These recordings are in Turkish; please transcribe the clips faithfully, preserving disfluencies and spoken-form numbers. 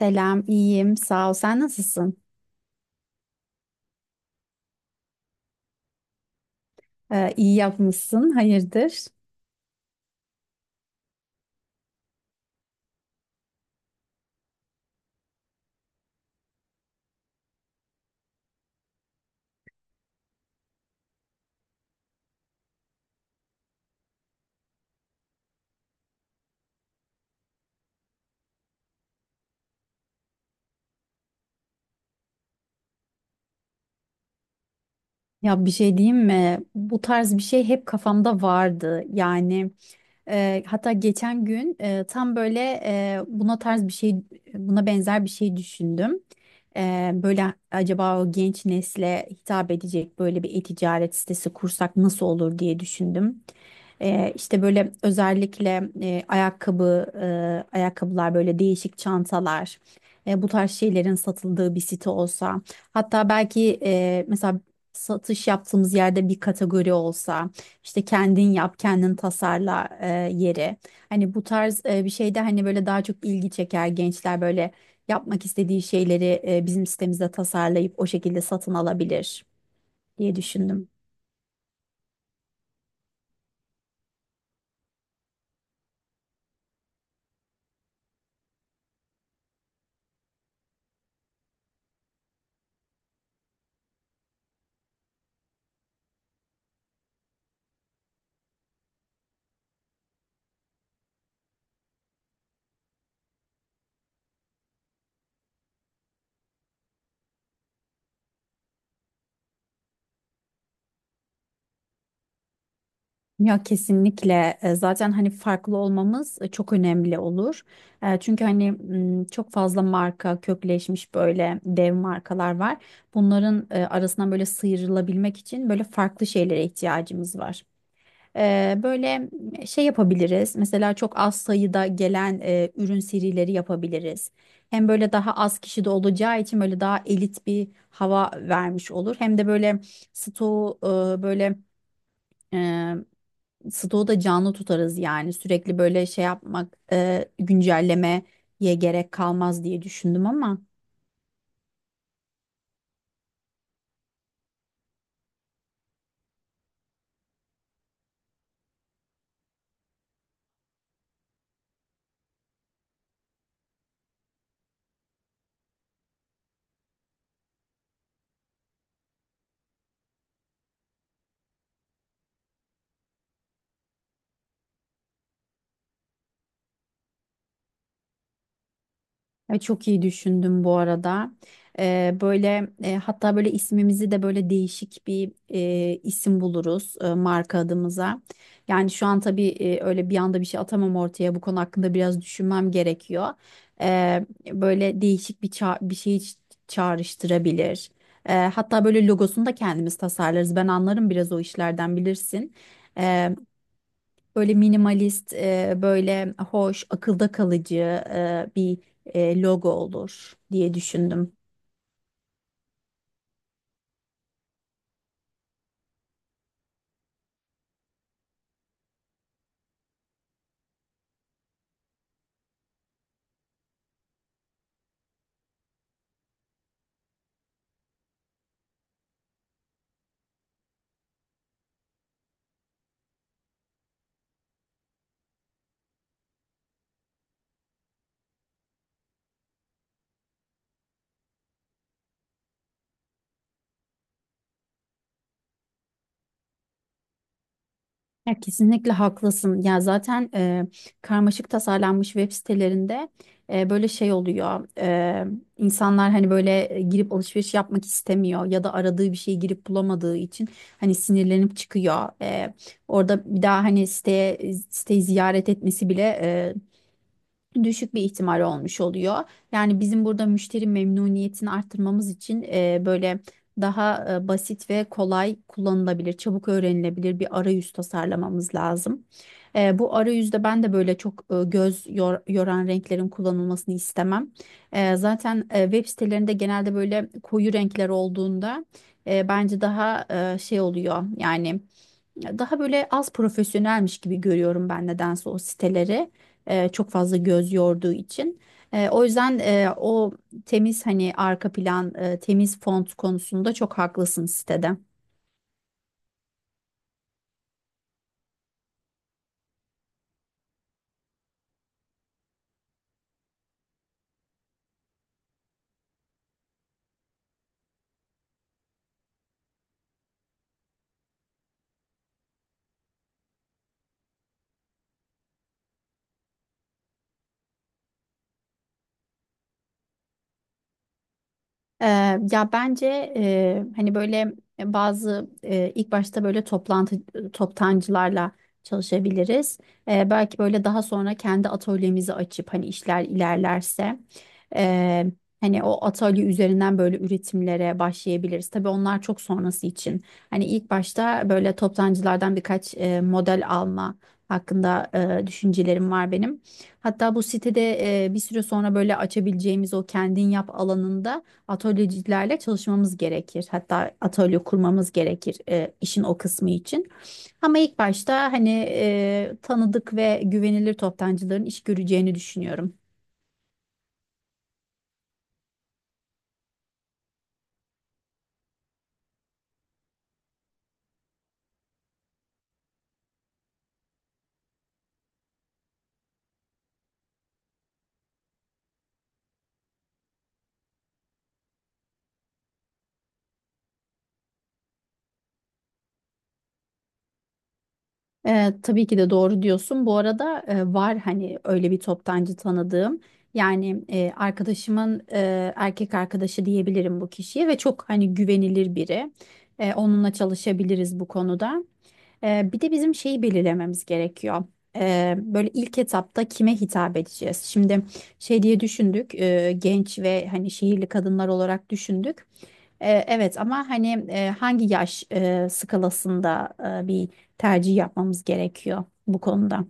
Selam, iyiyim. Sağ ol. Sen nasılsın? Ee, iyi yapmışsın. Hayırdır? Ya bir şey diyeyim mi? Bu tarz bir şey hep kafamda vardı. Yani, e, hatta geçen gün, e, tam böyle, e, buna tarz bir şey, buna benzer bir şey düşündüm. Ee, böyle acaba o genç nesle hitap edecek böyle bir e-ticaret sitesi kursak nasıl olur diye düşündüm. Ee, işte böyle özellikle, e, ayakkabı, e, ayakkabılar böyle değişik çantalar, e, bu tarz şeylerin satıldığı bir site olsa. Hatta belki, e, mesela satış yaptığımız yerde bir kategori olsa, işte kendin yap, kendin tasarla e, yeri. Hani bu tarz e, bir şeyde hani böyle daha çok ilgi çeker, gençler böyle yapmak istediği şeyleri e, bizim sitemizde tasarlayıp o şekilde satın alabilir diye düşündüm. Ya kesinlikle. E, zaten hani farklı olmamız e, çok önemli olur. E, Çünkü hani, m, çok fazla marka kökleşmiş, böyle dev markalar var. Bunların e, arasından böyle sıyrılabilmek için böyle farklı şeylere ihtiyacımız var. Eee, böyle şey yapabiliriz. Mesela çok az sayıda gelen eee, ürün serileri yapabiliriz. Hem böyle daha az kişi de olacağı için böyle daha elit bir hava vermiş olur. Hem de böyle stoğu eee, böyle eee stoğu da canlı tutarız yani. Sürekli böyle şey yapmak, eee, güncellemeye gerek kalmaz diye düşündüm ama. Ay, çok iyi düşündüm bu arada. Ee, böyle, e, hatta böyle ismimizi de böyle değişik bir e, isim buluruz, e, marka adımıza. Yani şu an tabii, e, öyle bir anda bir şey atamam ortaya. Bu konu hakkında biraz düşünmem gerekiyor. Ee, Böyle değişik bir ça- bir şey ç- çağrıştırabilir. Ee, hatta böyle logosunu da kendimiz tasarlarız. Ben anlarım biraz o işlerden, bilirsin. Böyle minimalist, e, böyle hoş, akılda kalıcı, e, bir e, logo olur diye düşündüm. Ya kesinlikle haklısın. Ya zaten, e, karmaşık tasarlanmış web sitelerinde, e, böyle şey oluyor. E, insanlar hani böyle, e, girip alışveriş yapmak istemiyor ya da aradığı bir şeyi girip bulamadığı için hani sinirlenip çıkıyor. E, orada bir daha hani siteye siteyi ziyaret etmesi bile düşük bir ihtimal olmuş oluyor. Yani bizim burada müşteri memnuniyetini arttırmamız için, e, böyle daha, e, basit ve kolay kullanılabilir, çabuk öğrenilebilir bir arayüz tasarlamamız lazım. E, bu arayüzde ben de böyle çok, e, göz yor- yoran renklerin kullanılmasını istemem. E, zaten, e, web sitelerinde genelde böyle koyu renkler olduğunda, e, bence daha, e, şey oluyor yani, daha böyle az profesyonelmiş gibi görüyorum ben nedense o siteleri, e, çok fazla göz yorduğu için. E, o yüzden, e, o temiz hani arka plan, e, temiz font konusunda çok haklısın sitede. Ee, ya bence, e, hani böyle, e, bazı, e, ilk başta böyle toplantı toptancılarla çalışabiliriz. Ee, belki böyle daha sonra kendi atölyemizi açıp hani işler ilerlerse, e, hani o atölye üzerinden böyle üretimlere başlayabiliriz. Tabii onlar çok sonrası için. Hani ilk başta böyle toptancılardan birkaç e, model alma hakkında, e, düşüncelerim var benim. Hatta bu sitede, e, bir süre sonra böyle açabileceğimiz o kendin yap alanında atölyecilerle çalışmamız gerekir. Hatta atölye kurmamız gerekir, e, işin o kısmı için. Ama ilk başta hani, e, tanıdık ve güvenilir toptancıların iş göreceğini düşünüyorum. E, tabii ki de doğru diyorsun. Bu arada, e, var hani öyle bir toptancı tanıdığım. Yani, e, arkadaşımın e, erkek arkadaşı diyebilirim bu kişiye ve çok hani güvenilir biri. E, onunla çalışabiliriz bu konuda. Ee, bir de bizim şeyi belirlememiz gerekiyor. Ee, böyle ilk etapta kime hitap edeceğiz? Şimdi şey diye düşündük, e, genç ve hani şehirli kadınlar olarak düşündük. Ee, evet ama hani, e, hangi yaş e, skalasında, e, bir tercih yapmamız gerekiyor bu konuda?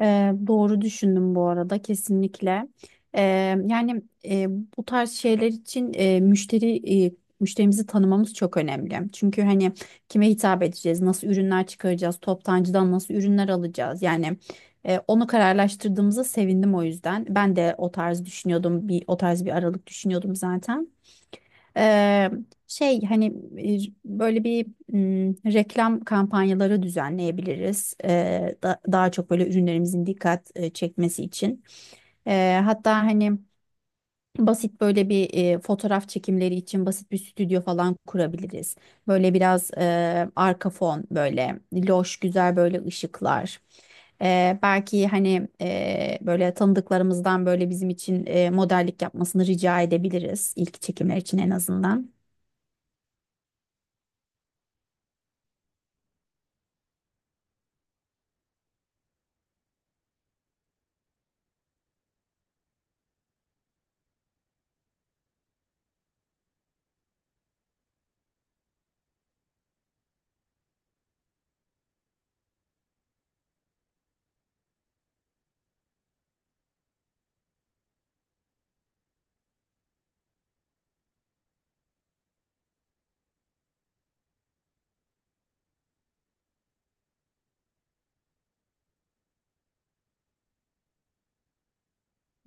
Ee, doğru düşündüm bu arada kesinlikle. Ee, Yani, e, bu tarz şeyler için, e, müşteri e, müşterimizi tanımamız çok önemli. Çünkü hani kime hitap edeceğiz, nasıl ürünler çıkaracağız, toptancıdan nasıl ürünler alacağız. Yani, e, onu kararlaştırdığımıza sevindim o yüzden. Ben de o tarz düşünüyordum, bir o tarz bir aralık düşünüyordum zaten. Eee, Şey hani, e, böyle bir, m, reklam kampanyaları düzenleyebiliriz. Eee, da- daha çok böyle ürünlerimizin dikkat e, çekmesi için. Eee, hatta hani basit, böyle bir e, fotoğraf çekimleri için basit bir stüdyo falan kurabiliriz. Böyle biraz, e, arka fon böyle loş, güzel böyle ışıklar. Eee, belki hani, eee, böyle tanıdıklarımızdan böyle bizim için e, modellik yapmasını rica edebiliriz, ilk çekimler için en azından.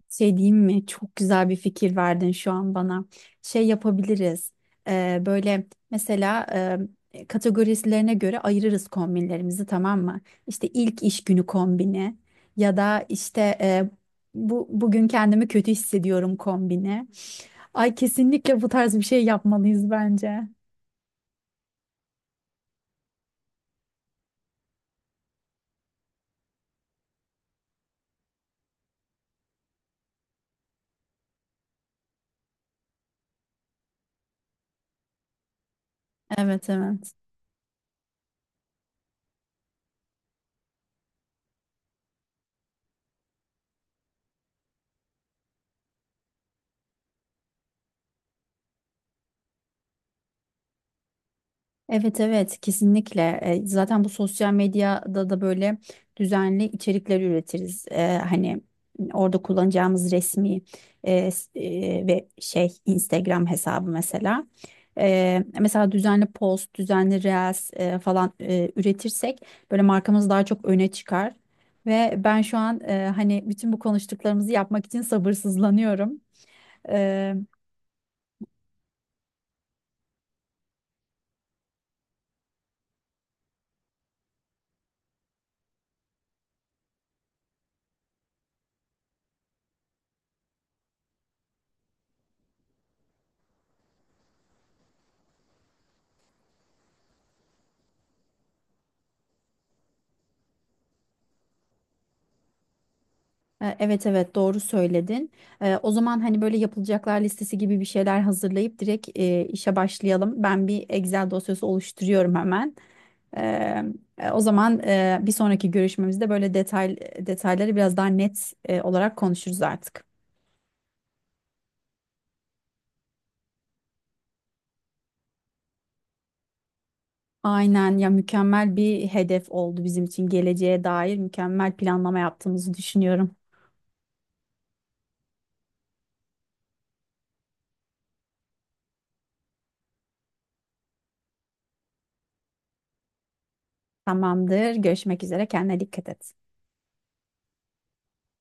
Şey diyeyim mi? Çok güzel bir fikir verdin şu an bana. Şey yapabiliriz. Ee, böyle mesela, e, kategorilerine göre ayırırız kombinlerimizi, tamam mı? İşte ilk iş günü kombini, ya da işte, e, bu bugün kendimi kötü hissediyorum kombini. Ay, kesinlikle bu tarz bir şey yapmalıyız bence. Evet, evet. Evet, evet, kesinlikle. E, zaten bu sosyal medyada da böyle düzenli içerikler üretiriz. E, hani orada kullanacağımız resmi, e, s- e, ve şey Instagram hesabı mesela. E, mesela düzenli post, düzenli reels e, falan e, üretirsek böyle markamız daha çok öne çıkar ve ben şu an, e, hani bütün bu konuştuklarımızı yapmak için sabırsızlanıyorum. E, Evet, evet, doğru söyledin. E, O zaman hani böyle yapılacaklar listesi gibi bir şeyler hazırlayıp direkt e, işe başlayalım. Ben bir Excel dosyası oluşturuyorum hemen. E, e, O zaman, e, bir sonraki görüşmemizde böyle detay detayları biraz daha net e, olarak konuşuruz artık. Aynen ya, mükemmel bir hedef oldu bizim için, geleceğe dair mükemmel planlama yaptığımızı düşünüyorum. Tamamdır. Görüşmek üzere. Kendine dikkat et.